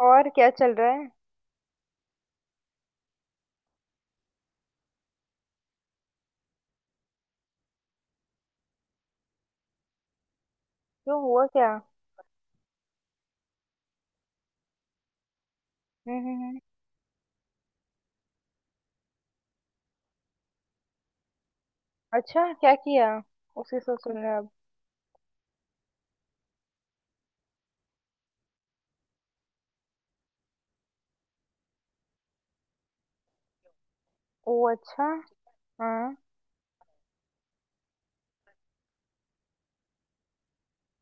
और क्या चल रहा है। क्यों हुआ क्या। हम्म हम्म हम्म। अच्छा क्या किया। उसी से सुन रहे अब। ओ अच्छा। हाँ।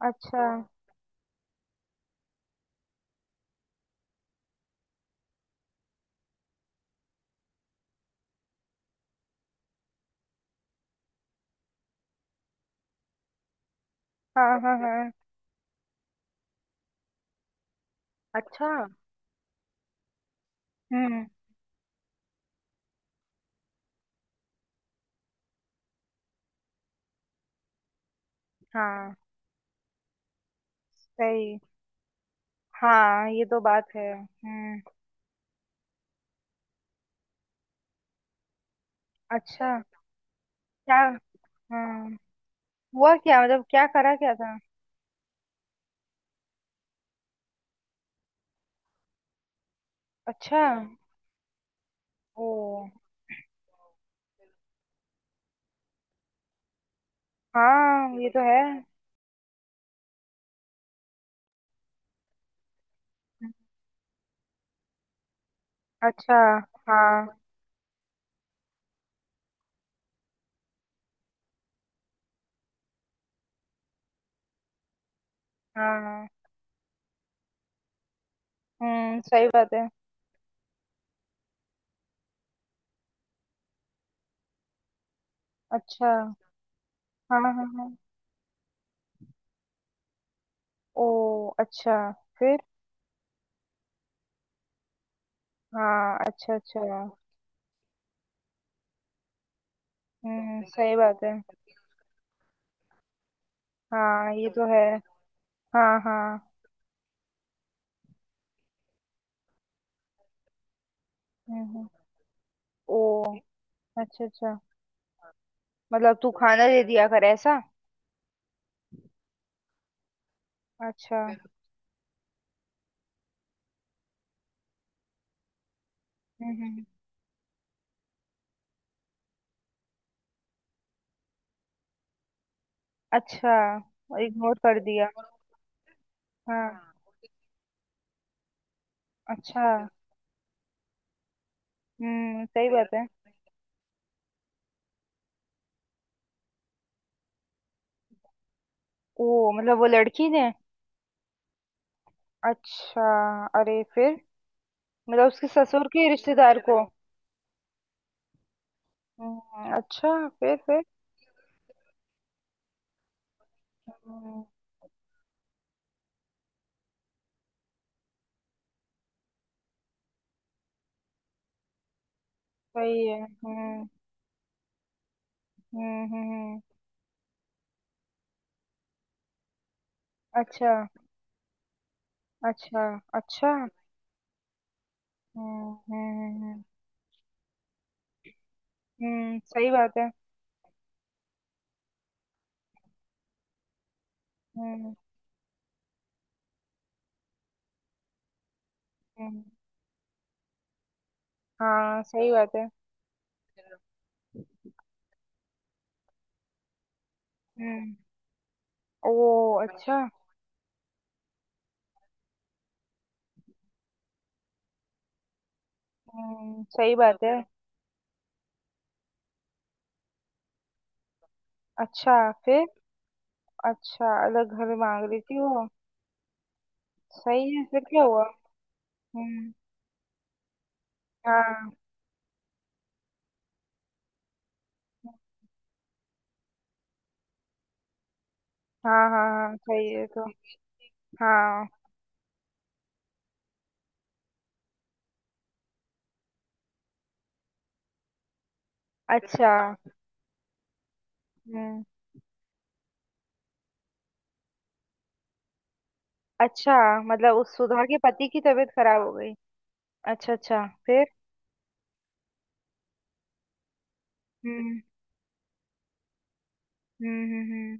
अच्छा। हाँ हाँ हाँ। अच्छा। हम्म। हाँ। सही। हाँ ये तो बात है हम्म। अच्छा। क्या। हाँ। हुआ क्या मतलब क्या करा क्या था। अच्छा। ओ। हाँ ये तो है। अच्छा। हाँ हाँ हाँ, सही बात है। अच्छा। हाँ हाँ हाँ। ओ अच्छा। फिर। हाँ अच्छा अच्छा। सही बात है। हाँ ये तो है। हाँ हाँ। हम्म हम्म, ओ। अच्छा अच्छा। मतलब तू खाना दे दिया कर ऐसा। अच्छा। हम्म हम्म, अच्छा। इग्नोर कर दिया। हाँ। अच्छा। सही बात है। ओ मतलब वो लड़की ने। अच्छा। अरे फिर। मतलब उसके ससुर के रिश्तेदार को। अच्छा फिर। हम्म, सही है। हम्म। अच्छा अच्छा अच्छा। हम्म हम्म हम्म, सही बात है। हम्म हम्म, हाँ सही बात है। हम्म। ओ अच्छा। सही बात है। अच्छा फिर। अच्छा अलग घर मांग रही थी वो। सही है फिर क्या हुआ। हम्म। हाँ। हाँ हाँ हाँ सही है तो। हाँ। अच्छा। हम्म। अच्छा। मतलब उस सुधा के पति की तबीयत खराब हो गई। अच्छा अच्छा फिर। हम्म हम्म।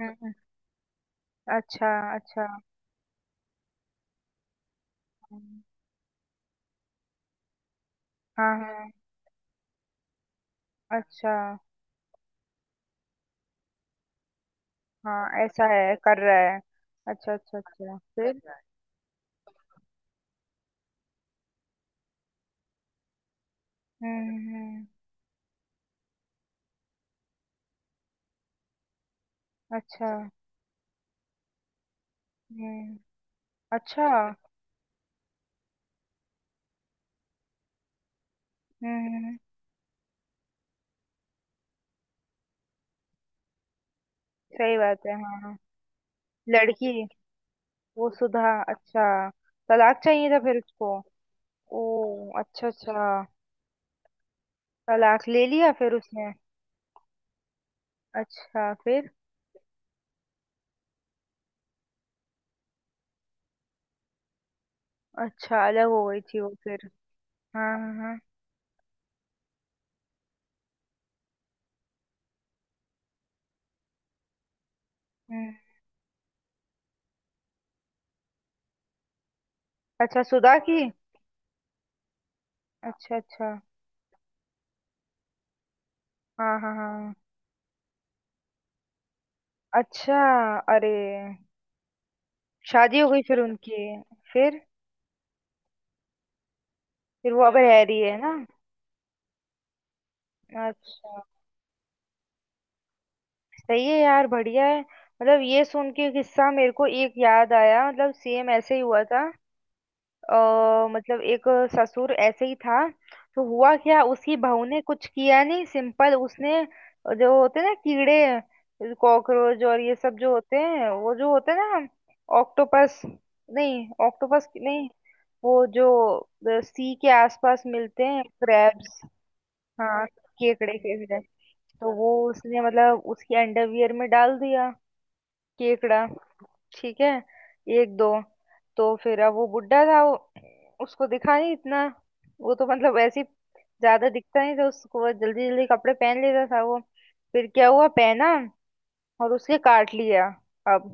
हम्म हम्म, अच्छा अच्छा। हम्म, हाँ हाँ। अच्छा। हाँ ऐसा है कर रहा है। अच्छा अच्छा अच्छा। फिर। हम्म। अच्छा। हम्म। अच्छा। हम्म, हम्म। सही बात है। हाँ हाँ। लड़की वो सुधा अच्छा। तलाक चाहिए था फिर उसको। ओ। अच्छा अच्छा। तलाक ले लिया फिर उसने। अच्छा फिर। अच्छा अलग हो गई थी वो फिर। हाँ हाँ हाँ। हम्म। अच्छा सुधा की। अच्छा अच्छा। हाँ हाँ हाँ। अच्छा। अरे। शादी हो गई फिर उनकी। फिर। फिर वो अब रह रही है ना। अच्छा। सही है यार बढ़िया है मतलब ये सुन के किस्सा मेरे को एक याद आया मतलब सेम ऐसे ही हुआ था। मतलब एक ससुर ऐसे ही था। तो हुआ क्या उसकी बहू ने कुछ किया नहीं सिंपल उसने जो होते हैं ना कीड़े कॉकरोच और ये सब जो होते हैं वो जो होते हैं ना। ऑक्टोपस। नहीं ऑक्टोपस नहीं। वो जो सी के आसपास मिलते हैं क्रैब्स। हाँ। केकड़े केकड़े। तो वो उसने मतलब उसकी अंडरवियर में डाल दिया केकड़ा। ठीक है। एक दो। तो फिर अब वो बुड्ढा था वो उसको दिखा नहीं इतना वो तो मतलब ऐसे ही। ज्यादा दिखता नहीं था उसको वो जल्दी जल्दी कपड़े पहन लेता था वो। फिर क्या हुआ पहना और उसके काट लिया। अब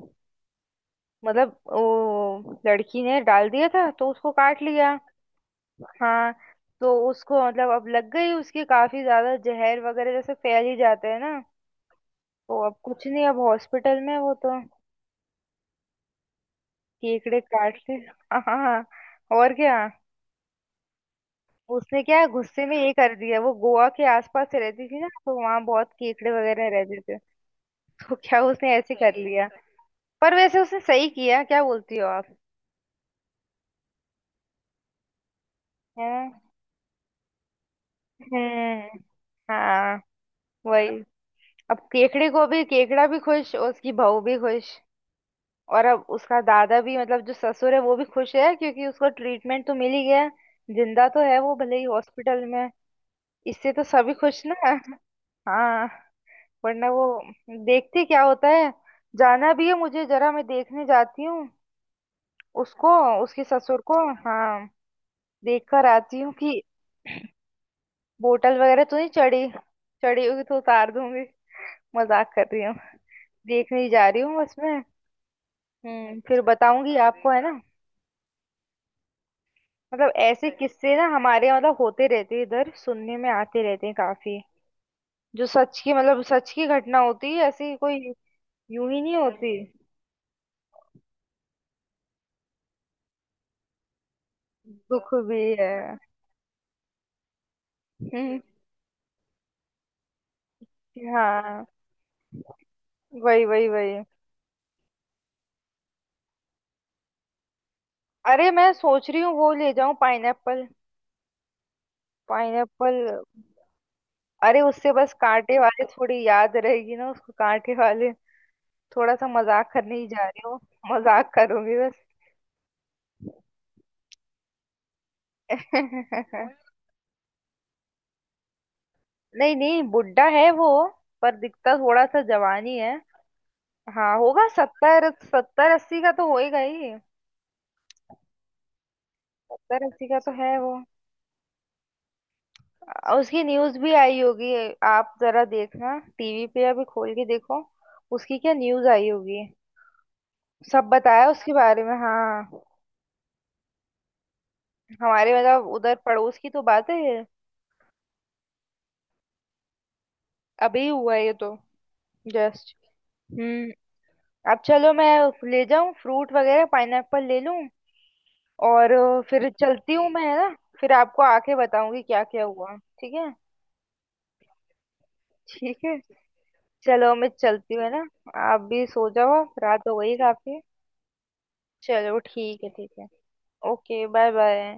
मतलब वो लड़की ने डाल दिया था तो उसको काट लिया। हाँ। तो उसको मतलब अब लग गई उसकी काफी ज्यादा जहर वगैरह जैसे फैल ही जाते हैं ना। तो अब कुछ नहीं अब हॉस्पिटल में है वो तो। केकड़े काट ले। हाँ। और क्या। उसने क्या गुस्से में ये कर दिया वो गोवा के आसपास से रहती थी ना तो वहां बहुत केकड़े वगैरह रहते थे। तो क्या उसने ऐसे कर लिया। पर वैसे उसने सही किया क्या बोलती हो आप। है? हम्म। हाँ। वही। अब केकड़े को भी केकड़ा भी खुश और उसकी बहू भी खुश। और अब उसका दादा भी मतलब जो ससुर है वो भी खुश है क्योंकि उसको ट्रीटमेंट तो मिल ही गया। जिंदा तो है वो भले ही हॉस्पिटल में। इससे तो सभी खुश ना। हाँ। वरना वो देखते क्या होता है। जाना भी है मुझे जरा मैं देखने जाती हूँ उसको उसके ससुर को। हाँ। देख कर आती हूँ कि बोतल वगैरह तो नहीं चढ़ी। चढ़ी होगी तो उतार दूंगी। मजाक कर रही हूँ। देखने ही जा रही हूँ बस मैं। फिर बताऊंगी आपको है ना। मतलब ऐसे किस्से ना हमारे यहाँ मतलब होते रहते हैं इधर सुनने में आते रहते हैं काफी। जो सच की मतलब सच की घटना होती है ऐसी कोई यूं ही नहीं होती। दुख भी है हम्म। हाँ। वही वही वही। अरे मैं सोच रही हूँ वो ले जाऊं पाइनएप्पल। पाइनएप्पल। अरे उससे बस कांटे वाले थोड़ी याद रहेगी ना उसको कांटे वाले। थोड़ा सा मजाक करने ही जा रही हूँ। मजाक करूंगी बस। नहीं नहीं बुड्ढा है वो। पर दिखता थोड़ा सा जवान ही है। हाँ होगा सत्तर सत्तर अस्सी का तो होएगा ही। 70-80 का तो है वो। उसकी न्यूज भी आई होगी। आप जरा देखना टीवी पे अभी खोल के देखो। उसकी क्या न्यूज आई होगी। सब बताया उसके बारे में हाँ। हमारे मतलब उधर पड़ोस की तो बात है ये। अभी हुआ है ये तो। जस्ट। हम्म। अब चलो मैं ले जाऊं फ्रूट वगैरह पाइनएप्पल ले लूं। और फिर चलती हूँ मैं है ना फिर आपको आके बताऊंगी क्या क्या हुआ ठीक है। ठीक है चलो मैं चलती हूँ है ना। आप भी सो जाओ आप, रात हो गई काफी। चलो ठीक है ठीक है। Okay bye bye.